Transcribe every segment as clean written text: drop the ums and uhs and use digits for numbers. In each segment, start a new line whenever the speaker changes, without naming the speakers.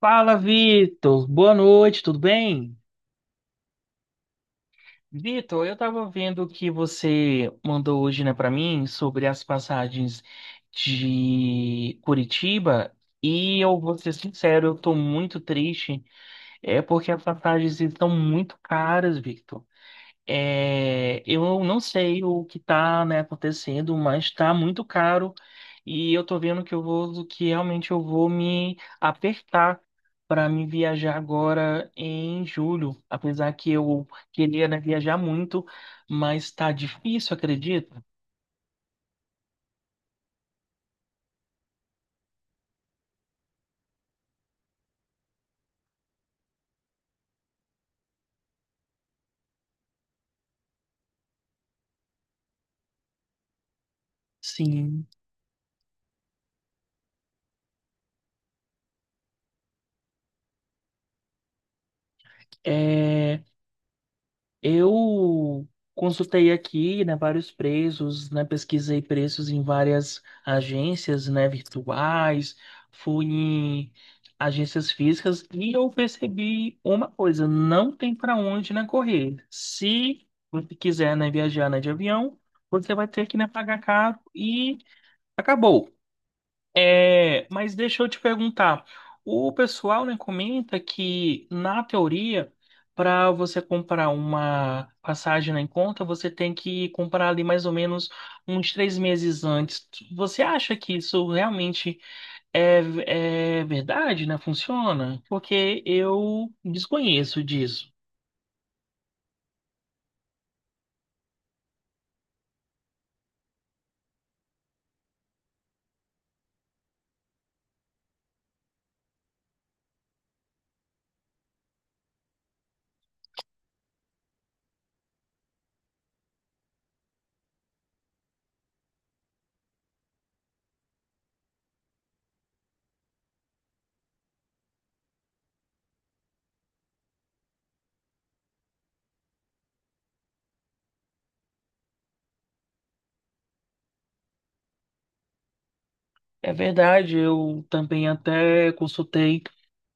Fala, Vitor. Boa noite, tudo bem? Vitor, eu estava vendo o que você mandou hoje, né, para mim sobre as passagens de Curitiba e eu vou ser sincero, eu tô muito triste, é porque as passagens estão muito caras, Vitor. É, eu não sei o que está, né, acontecendo, mas está muito caro e eu tô vendo que que realmente eu vou me apertar para me viajar agora em julho, apesar que eu queria, né, viajar muito, mas está difícil, acredito. Sim, é, eu consultei aqui, né, vários preços, né, pesquisei preços em várias agências, né, virtuais, fui em agências físicas e eu percebi uma coisa, não tem para onde, né, correr. Se você quiser, né, viajar, né, de avião, você vai ter que, né, pagar caro e acabou. É, mas deixa eu te perguntar. O pessoal, né, comenta que, na teoria, para você comprar uma passagem né, em conta, você tem que comprar ali mais ou menos uns 3 meses antes. Você acha que isso realmente é, é verdade, né? Funciona? Porque eu desconheço disso. É verdade, eu também até consultei.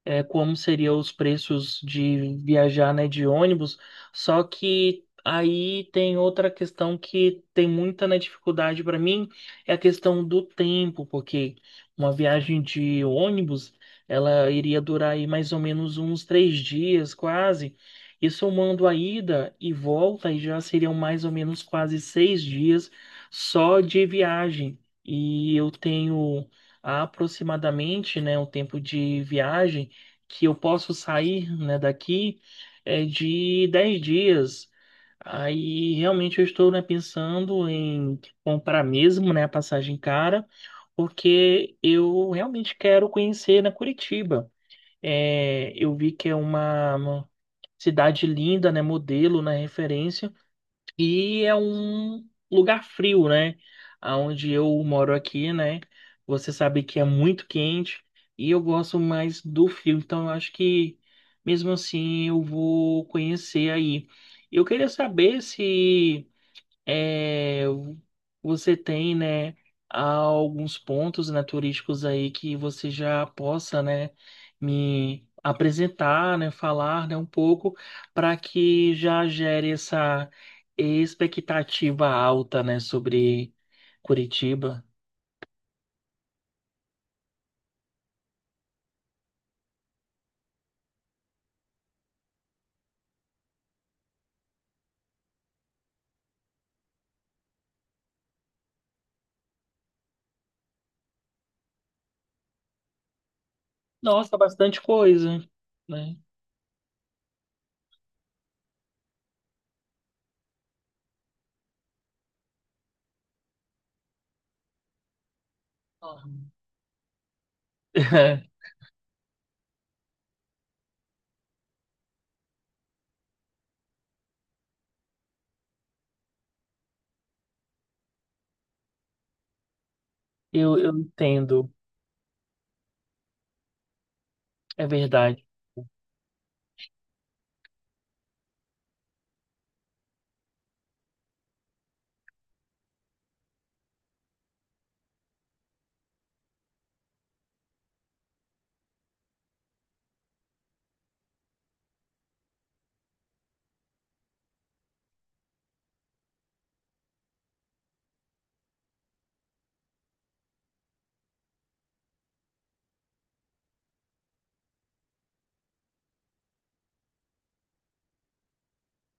Como seriam os preços de viajar, né, de ônibus. Só que aí tem outra questão que tem muita, né, dificuldade para mim, é a questão do tempo, porque uma viagem de ônibus, ela iria durar aí mais ou menos uns 3 dias, quase. E somando a ida e volta, aí já seriam mais ou menos quase 6 dias só de viagem. E eu tenho aproximadamente, né, um tempo de viagem que eu posso sair, né, daqui é de 10 dias. Aí realmente eu estou, né, pensando em comprar mesmo, né, a passagem cara, porque eu realmente quero conhecer na Curitiba. É, eu vi que é uma cidade linda, né, modelo, né, referência. E é um lugar frio, né? Aonde eu moro aqui, né? Você sabe que é muito quente e eu gosto mais do frio, então eu acho que mesmo assim eu vou conhecer aí. Eu queria saber se é, você tem, né, alguns pontos, né, turísticos aí que você já possa, né, me apresentar, né, falar, né, um pouco para que já gere essa expectativa alta, né, sobre Curitiba. Nossa, bastante coisa, né? Uhum. Eu entendo, é verdade.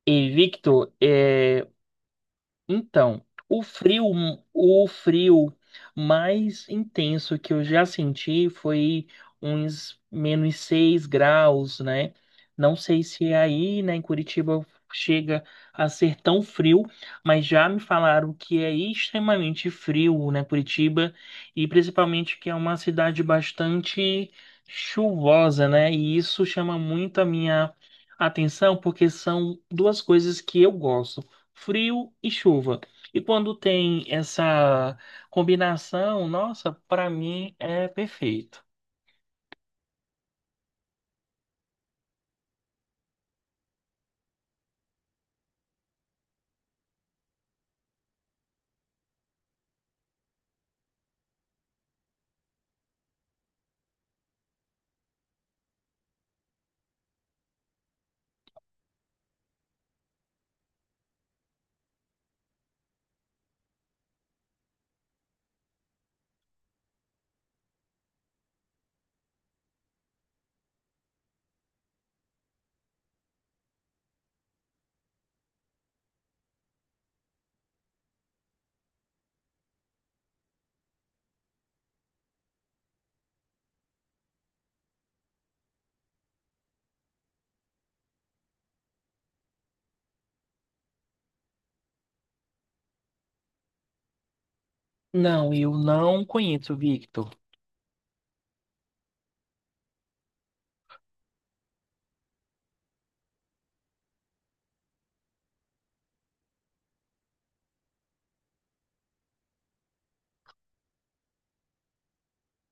E Victor, então, o frio mais intenso que eu já senti foi uns -6 graus, né? Não sei se é aí, né, em Curitiba chega a ser tão frio, mas já me falaram que é extremamente frio, né, Curitiba, e principalmente que é uma cidade bastante chuvosa, né? E isso chama muito a minha atenção, porque são duas coisas que eu gosto frio e chuva. E quando tem essa combinação, nossa, para mim é perfeito. Não, eu não conheço, Victor.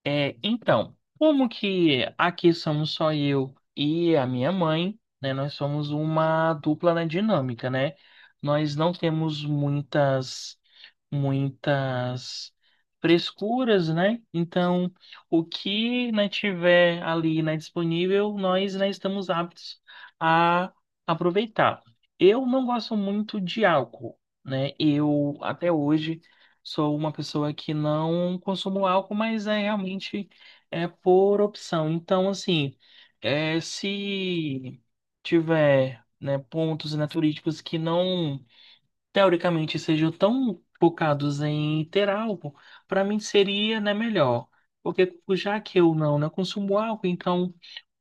É, então, como que aqui somos só eu e a minha mãe, né? Nós somos uma dupla na dinâmica, né? Nós não temos muitas frescuras, né? Então, o que, né, tiver ali, né, disponível, nós, né, estamos aptos a aproveitar. Eu não gosto muito de álcool, né? Eu, até hoje, sou uma pessoa que não consumo álcool, mas é realmente é por opção. Então, assim, se tiver, né, pontos, né, turísticos que não teoricamente sejam tão focados em ter álcool para mim seria, né, melhor. Porque tipo, já que eu não, né, consumo álcool, então,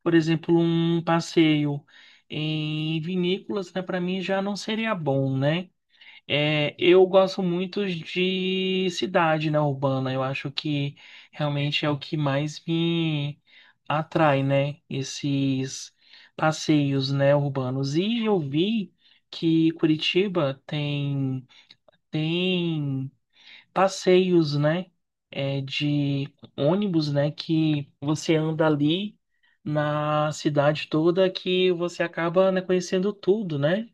por exemplo, um passeio em vinícolas, né, para mim já não seria bom, né? É, eu gosto muito de cidade, né, urbana. Eu acho que realmente é o que mais me atrai, né? Esses passeios, né, urbanos. E eu vi que Curitiba tem passeios, né? É, de ônibus, né? Que você anda ali na cidade toda que você acaba, né, conhecendo tudo, né?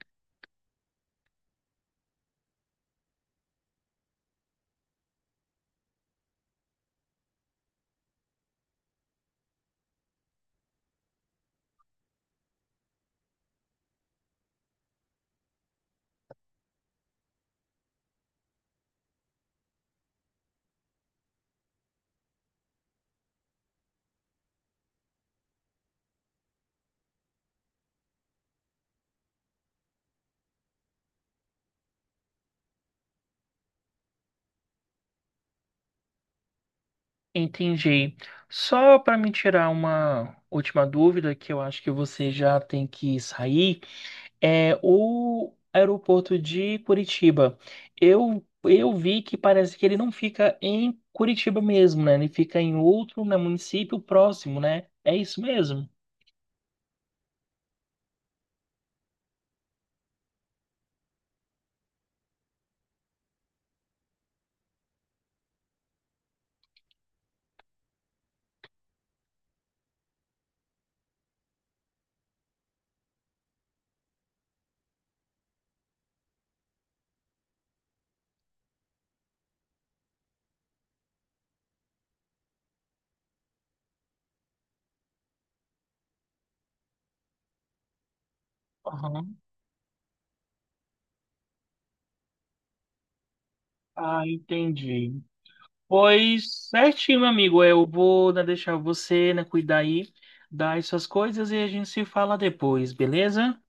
Entendi. Só para me tirar uma última dúvida, que eu acho que você já tem que sair, é o aeroporto de Curitiba. Eu vi que parece que ele não fica em Curitiba mesmo, né? Ele fica em outro, né, município próximo, né? É isso mesmo? Aham. Ah, entendi. Pois certinho, meu amigo. Eu vou, né, deixar você, né, cuidar aí das suas coisas e a gente se fala depois, beleza?